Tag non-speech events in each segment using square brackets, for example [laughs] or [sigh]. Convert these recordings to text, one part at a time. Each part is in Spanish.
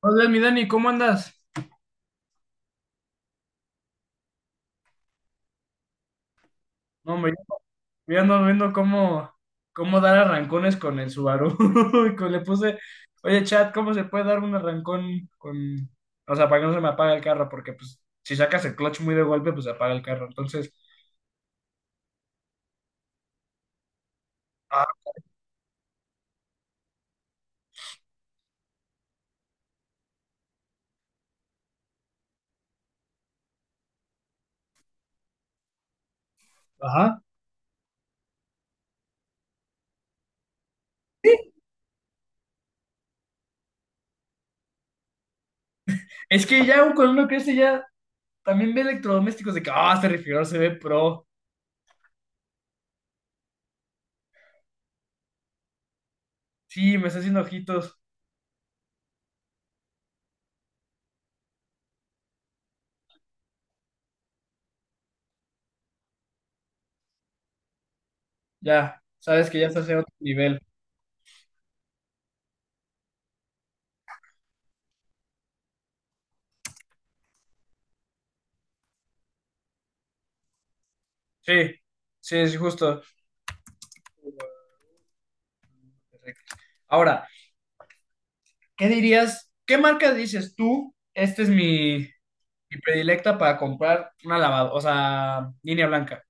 Hola, mi Dani, ¿cómo andas? No, me ya ando viendo cómo dar arrancones con el Subaru. [laughs] Le puse, oye, chat, ¿cómo se puede dar un arrancón o sea, para que no se me apague el carro? Porque, pues, si sacas el clutch muy de golpe, pues se apaga el carro. Ah, ajá. Es que ya cuando uno crece, ya también ve electrodomésticos de que, este refrigerador se ve pro. Sí, me está haciendo ojitos. Ya, sabes que ya estás en otro nivel. Sí, sí, es justo. Ahora, ¿qué dirías? ¿Qué marca dices tú? Esta es mi predilecta para comprar una lavadora, o sea, línea blanca.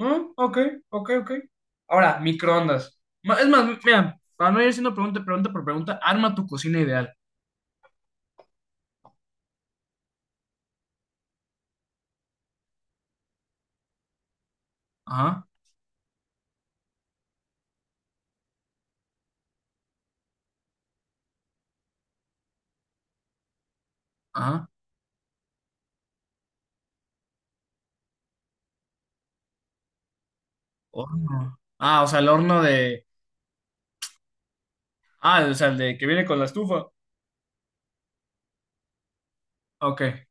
Ah, ok, ok. Ahora, microondas. Es más, mira, para no ir haciendo pregunta, pregunta por pregunta, arma tu cocina ideal. Ajá, ajá. Horno. Ah, o sea, el horno de. Ah, o sea, el de que viene con la estufa. Ok.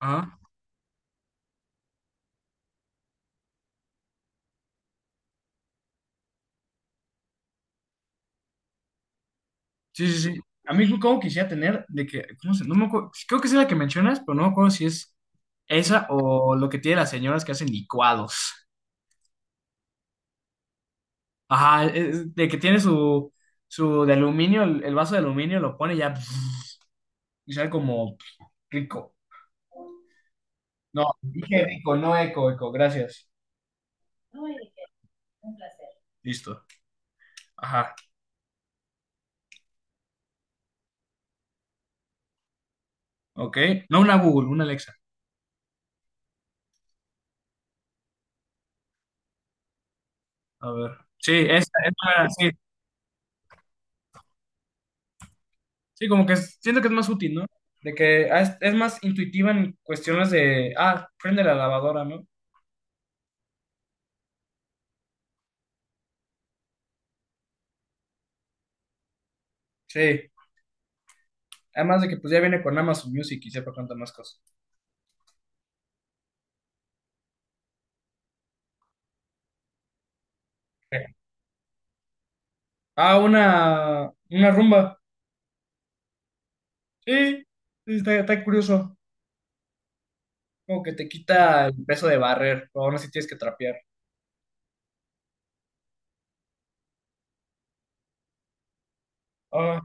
Ajá. Sí. A mí como quisiera tener de que, no me acuerdo, creo que es la que mencionas, pero no me acuerdo si es esa o lo que tiene las señoras que hacen licuados. Ajá, de que tiene su de aluminio, el vaso de aluminio, lo pone y ya [laughs] y sabe como rico. No, dije rico, no eco, eco, gracias. Listo. Ajá, ok. No una Google, una Alexa. A ver. Sí, esa, sí. Siento que es más útil, ¿no? De que es más intuitiva en cuestiones de, prende la lavadora, ¿no? Sí. Además de que pues ya viene con Amazon Music y sepa cuántas más cosas. Sí. Ah, una rumba. Sí, sí, está curioso. Como que te quita el peso de barrer, pero aún así tienes que trapear. Ah,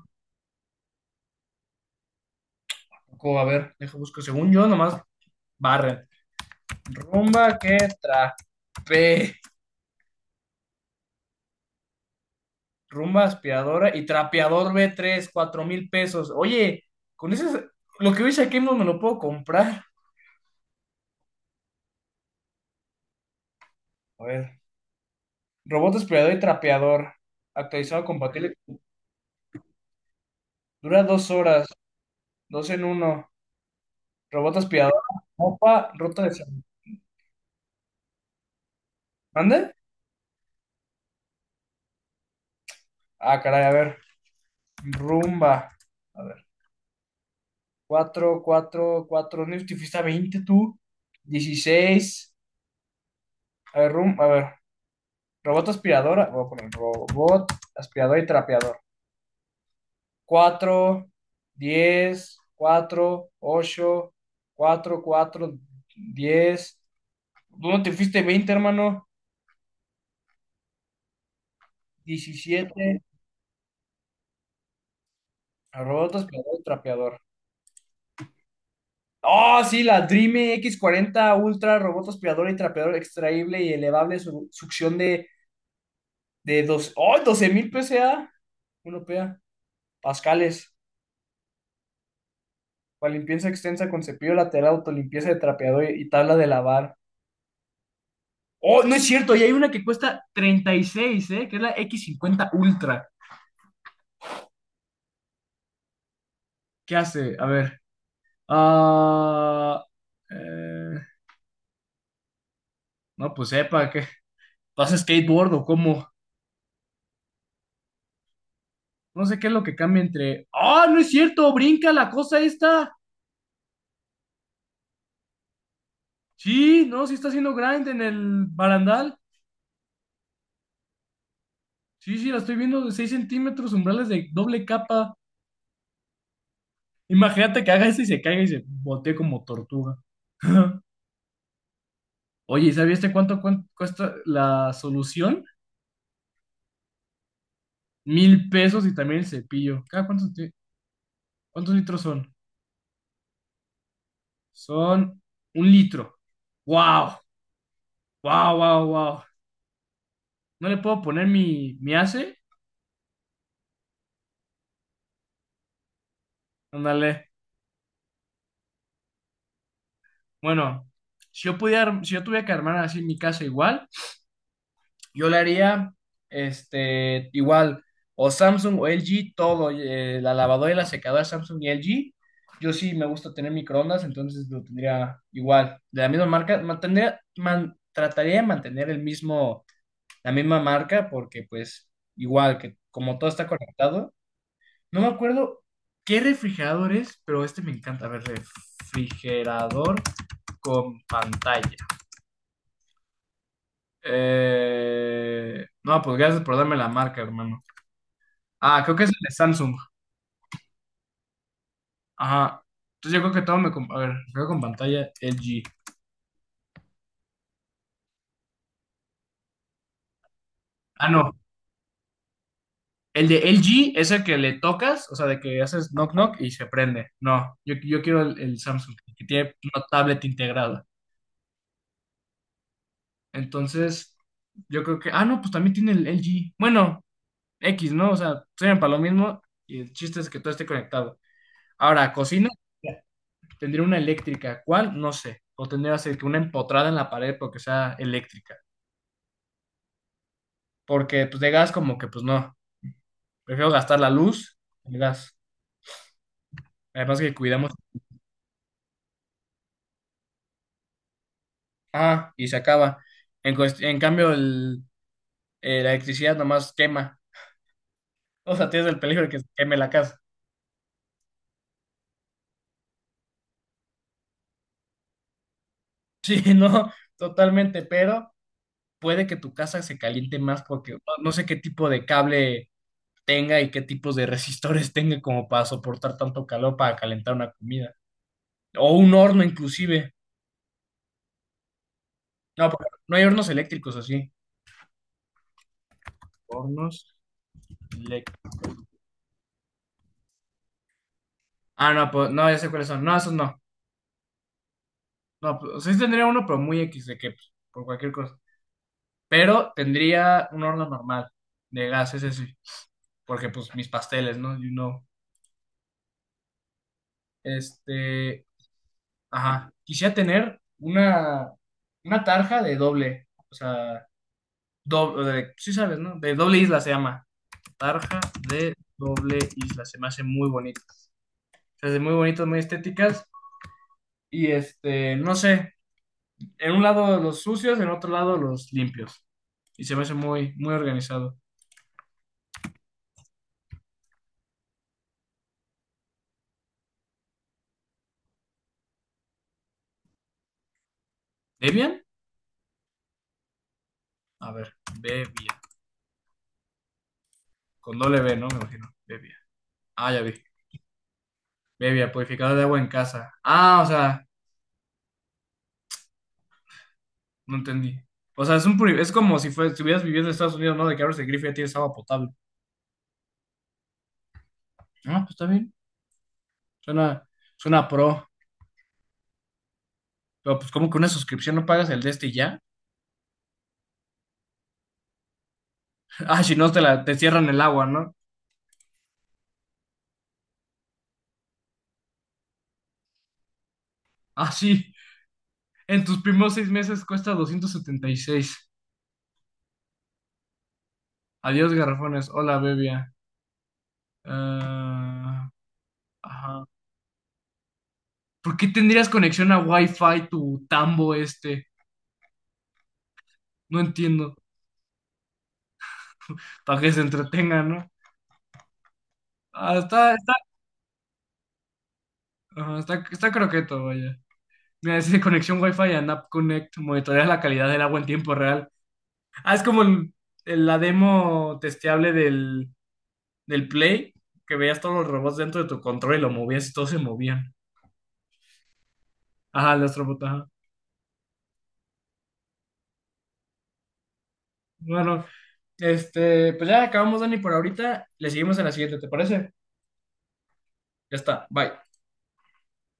cómo, a ver, dejo busco. Según yo, nomás barren. Rumba que trapea. Rumba aspiradora y trapeador b 3000 a 4000 pesos. Oye, con eso lo que veis aquí no me lo puedo comprar. A ver, robot aspirador y trapeador, actualizado compatible. Dura 2 horas, dos en uno. Robot aspirador, mopa, ruta de sal- ¿Mande? Ah, caray, a ver. Rumba. A ver. Cuatro, cuatro, cuatro. ¿No te fuiste a 20 tú? 16. A ver, rum, a ver. Robot aspiradora. Voy a poner robot aspirador y trapeador. Cuatro, diez, cuatro, ocho, cuatro, cuatro, diez. ¿Dónde te fuiste 20, hermano? 17. Robot aspirador y trapeador. Oh, sí, la Dream x 40 Ultra, robot aspirador y trapeador extraíble y elevable, succión de dos, oh, 12000 PSA, uno PA, pascales, para limpieza extensa con cepillo lateral, autolimpieza de trapeador y tabla de lavar. Oh, no es cierto, y hay una que cuesta 36, ¿eh? Que es la x 50 Ultra. ¿Qué hace? A ver. Ah, eh, no, pues sepa, ¿qué? ¿Pasa a skateboard o cómo? No sé qué es lo que cambia entre. ¡Ah, no es cierto! ¡Brinca la cosa esta! Sí, no, sí está haciendo grind en el barandal. Sí, sí, la estoy viendo de 6 centímetros, umbrales de doble capa. Imagínate que haga eso y se caiga y se botee como tortuga. [laughs] Oye, ¿y ¿sabías este cuesta la solución? 1000 pesos y también el cepillo. ¿Cuántos litros son? Son un litro. ¡Wow! ¡Wow, wow, wow! ¿No le puedo poner mi ACE? Ándale. Bueno, si yo tuviera que armar así mi casa igual, yo le haría este, igual, o Samsung o LG, todo, la lavadora y la secadora Samsung y LG. Yo sí me gusta tener microondas, entonces lo tendría igual, de la misma marca. Trataría de mantener el mismo, la misma marca, porque pues igual que como todo está conectado, no me acuerdo qué refrigerador es, pero este me encanta. A ver, refrigerador con pantalla. No, pues gracias por darme la marca, hermano. Ah, creo que es el de Samsung. Ajá. Entonces yo creo que todo me... a ver, creo con pantalla LG. Ah, no. El de LG es el que le tocas, o sea, de que haces knock knock y se prende. No, yo quiero el Samsung, que tiene una tablet integrada. Entonces, yo creo que, ah, no, pues también tiene el LG. Bueno, X, ¿no? O sea, sirven para lo mismo y el chiste es que todo esté conectado. Ahora, cocina, tendría una eléctrica. ¿Cuál? No sé. O tendría así que una empotrada en la pared porque sea eléctrica. Porque, pues, de gas como que, pues, no. Prefiero gastar la luz, el gas. Además que cuidamos, ah, y se acaba. En, en cambio, la electricidad nomás quema. O sea, tienes el peligro de que se queme la casa. [laughs] Sí, no, totalmente, pero puede que tu casa se caliente más porque no sé qué tipo de cable tenga y qué tipos de resistores [laughs] tenga como para soportar tanto calor para calentar una comida. O un horno inclusive. No, porque no hay hornos eléctricos así. Hornos eléctricos. Ah, no, pues no, ya sé cuáles son. No, esos no. No, pues, sí tendría uno, pero muy X de que pues, por cualquier cosa. Pero tendría un horno normal de gas, ese sí. Porque pues mis pasteles, ¿no? You know. Este, ajá. Quisiera tener una tarja de doble. O sea, doble, sí sabes, ¿no? De doble isla se llama. Tarja de doble isla. Se me hace muy bonito. Se hace muy bonitas, muy estéticas. Y este, no sé. En un lado los sucios, en otro lado los limpios. Y se me hace muy, muy organizado. ¿Debian? A ver, Bebia. Con doble B, ¿no? Me imagino. Bebia. Ah, ya vi. Bebia, purificador de agua en casa. Ah, o sea. No entendí. O sea, es como si fue, estuvieras viviendo en Estados Unidos, ¿no? De que abres el grifo y ya tienes agua potable. Ah, pues está bien. Suena, suena pro. Pero pues como que una suscripción no pagas el de este y ya. [laughs] Ah, si no te la, te cierran el agua, ¿no? Ah, sí. En tus primeros 6 meses cuesta 276. Adiós, garrafones. Hola, bebia. Ah, ajá. ¿Por qué tendrías conexión a Wi-Fi tu tambo este? No entiendo. Para que se entretenga, ¿no? Ah, está, está, ajá, está croqueto, vaya. Mira, es de conexión Wi-Fi and App Connect monitorea la calidad del agua en tiempo real. Ah, es como la demo testeable del Play, que veías todos los robots dentro de tu control y lo movías y todos se movían. Ajá, el Astrobot, ajá. Bueno, este, pues ya acabamos, Dani, por ahorita. Le seguimos en la siguiente, ¿te parece? Ya está, bye.